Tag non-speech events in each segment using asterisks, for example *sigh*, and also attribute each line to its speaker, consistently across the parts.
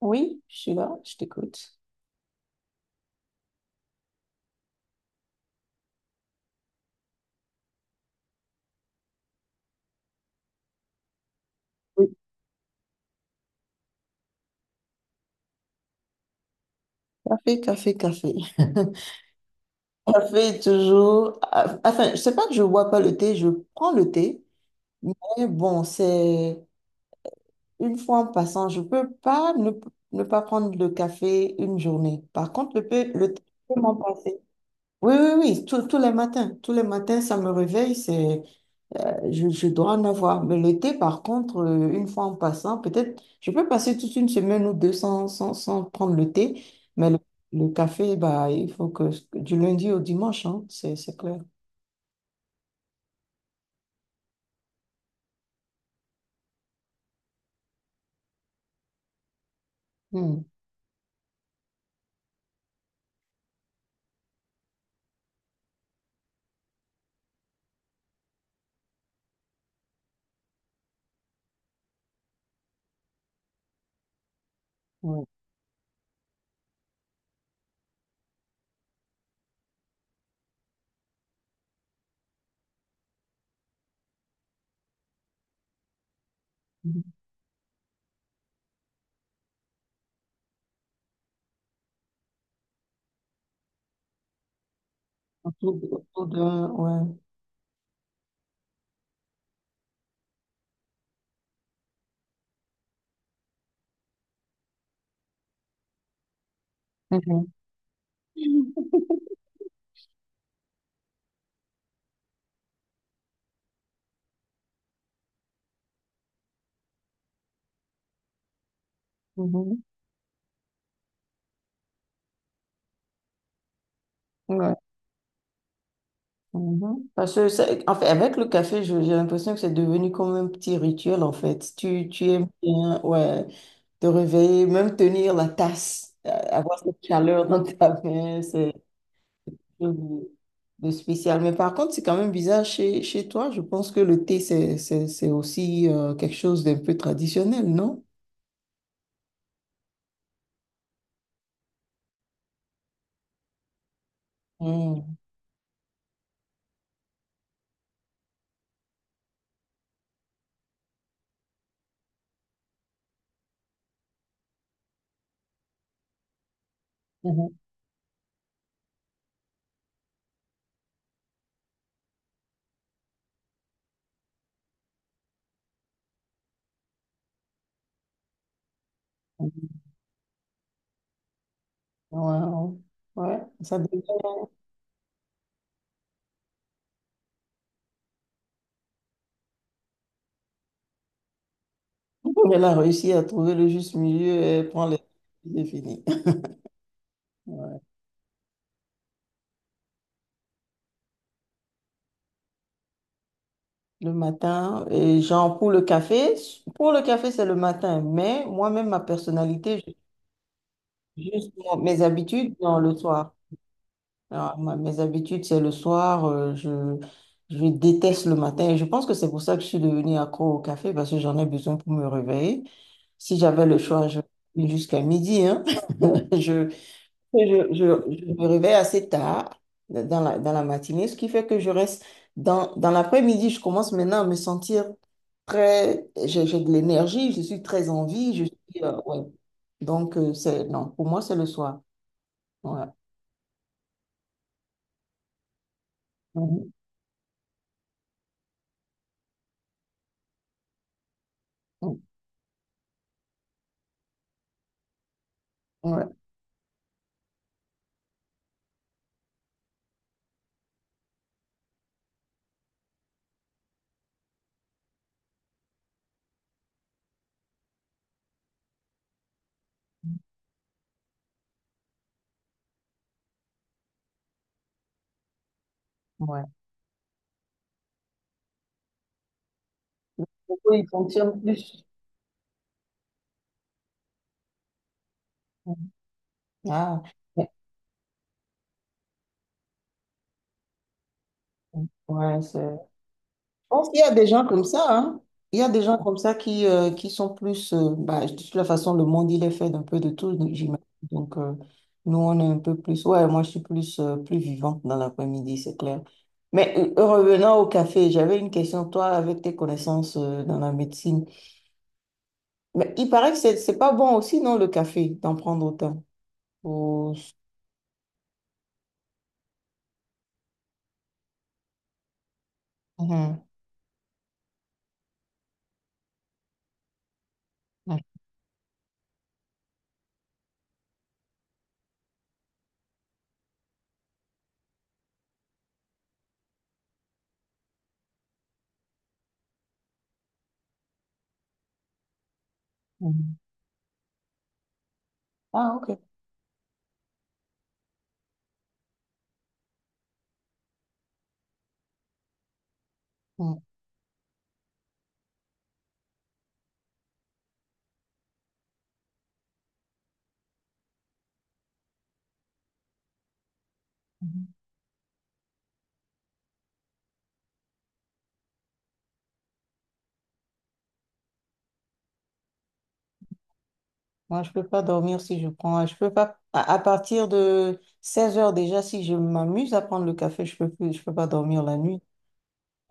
Speaker 1: Oui, je suis là, je t'écoute. Oui, café, café, café. *laughs* Café toujours. Enfin, c'est pas que je bois pas le thé, je prends le thé, mais bon, c'est une fois en passant, je peux pas ne pas prendre le café une journée. Par contre, le thé, je peux m'en passer. Oui, oui, oui, tous les matins, tous les matins, ça me réveille, c'est je dois en avoir. Mais l'été, par contre, une fois en passant, peut-être, je peux passer toute une semaine ou deux sans prendre le thé, mais le café, bah, il faut que du lundi au dimanche, hein, c'est clair. Hmm, ouais. Ouais. Mhm. Mhm. Ouais. Mhm. Parce que, en fait, avec le café, j'ai l'impression que c'est devenu comme un petit rituel, en fait. Tu aimes bien, ouais, te réveiller, même tenir la tasse, avoir cette chaleur dans ta main, c'est de, de spécial. Mais par contre, c'est quand même bizarre chez toi. Je pense que le thé, c'est aussi quelque chose d'un peu traditionnel, non? Mm. Mhm. Wow. Ouais, ça devient... *laughs* Elle a réussi à trouver le juste milieu et prend les... C'est fini. *laughs* Ouais. Le matin, et genre pour le café, c'est le matin, mais moi-même, ma personnalité, juste mes habitudes dans le soir. Alors, moi, mes habitudes, c'est le soir, je déteste le matin. Et je pense que c'est pour ça que je suis devenue accro au café, parce que j'en ai besoin pour me réveiller. Si j'avais le choix, je jusqu'à midi, hein. *laughs* Je, je me réveille assez tard dans dans la matinée, ce qui fait que je reste dans l'après-midi. Je commence maintenant à me sentir très... j'ai de l'énergie, je suis très en vie, je suis... ouais. Donc, non, pour moi, c'est le soir. Ouais. Mhm. Ouais. Ouais. Ouais. Pourquoi ils fonctionnent plus? Ah, mais- ouais, je pense qu'il y a des gens comme ça, hein. Il y a des gens comme ça qui sont plus... bah, de toute la façon, le monde, il est fait d'un peu de tout, donc j'imagine. Donc, nous, on est un peu plus... Ouais, moi, je suis plus, plus vivante dans l'après-midi, c'est clair. Mais revenant au café, j'avais une question, toi, avec tes connaissances, dans la médecine. Mais il paraît que c'est pas bon aussi, non, le café, d'en prendre autant. Faut- Mhm. Mhm. Ah, ok. Mhm. Moi, je peux pas dormir si je prends. Je peux pas. À partir de 16 heures déjà, si je m'amuse à prendre le café, je peux plus, je peux pas dormir la nuit.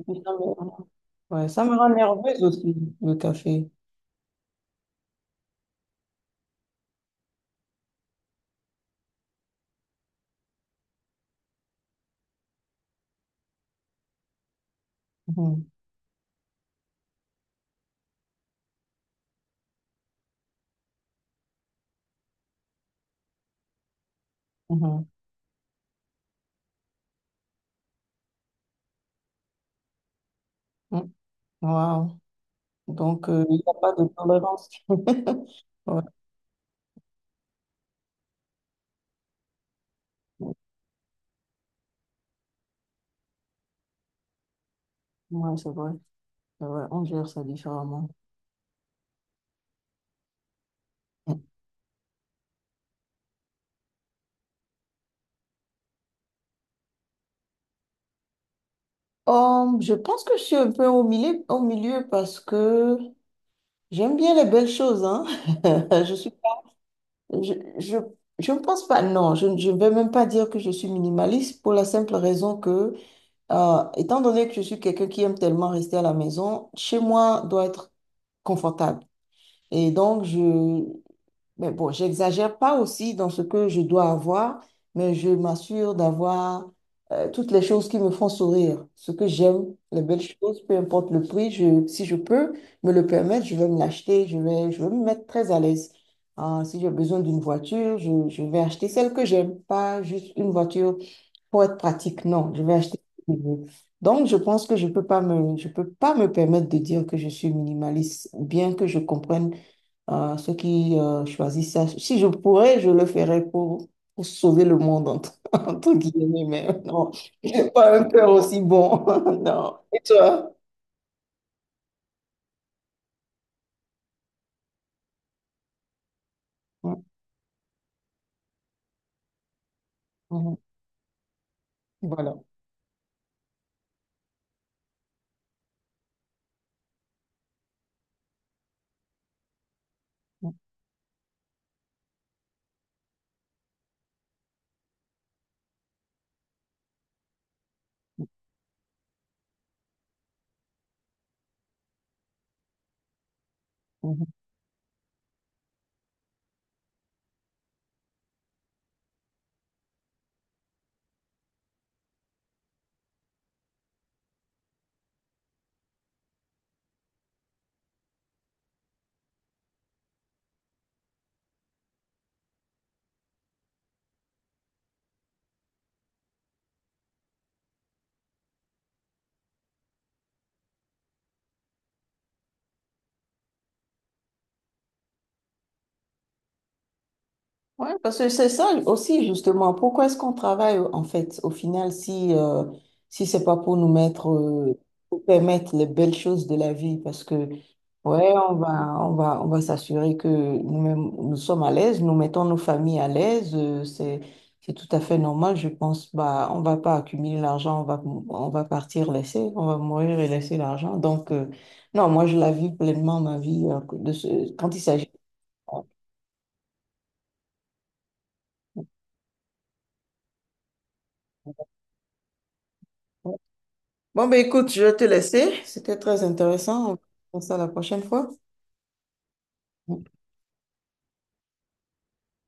Speaker 1: Et puis, ça me- ouais, ça me rend nerveuse aussi, le café. Mhm, mhm, mhm. Wow. Donc, il n'y a pas de tolérance. *laughs* Ouais, ouais, c'est vrai. C'est vrai. On gère ça différemment. Je pense que je suis un peu au milieu parce que j'aime bien les belles choses, hein. *laughs* Je suis Je, je, je ne pense pas, non, je ne vais même pas dire que je suis minimaliste pour la simple raison que, étant donné que je suis quelqu'un qui aime tellement rester à la maison, chez moi doit être confortable. Et donc, je, mais bon, j'exagère pas aussi dans ce que je dois avoir, mais je m'assure d'avoir toutes les choses qui me font sourire, ce que j'aime, les belles choses, peu importe le prix, si je peux me le permettre, je vais me l'acheter, je vais me mettre très à l'aise. Ah, si j'ai besoin d'une voiture, je vais acheter celle que j'aime, pas juste une voiture pour être pratique, non, je vais acheter ce que je veux. Donc, je pense que je peux pas me permettre de dire que je suis minimaliste, bien que je comprenne ceux qui choisissent ça. Si je pourrais, je le ferais pour sauver le monde, entre, *laughs* entre guillemets, mais non, j'ai pas un cœur aussi bon. *laughs* Non. Et toi? Mhm. Voilà. Mhm. Ouais, parce que c'est ça aussi, justement. Pourquoi est-ce qu'on travaille, en fait, au final, si, si c'est pas pour nous mettre, pour permettre les belles choses de la vie? Parce que, ouais, on va s'assurer que nous-mêmes, nous sommes à l'aise, nous mettons nos familles à l'aise. C'est tout à fait normal, je pense. Bah, on va pas accumuler l'argent, on va partir laisser, on va mourir et laisser l'argent. Donc, non, moi, je la vis pleinement, ma vie, de ce, quand il s'agit. Bon, ben écoute, je vais te laisser. C'était très intéressant. On va faire ça la prochaine fois.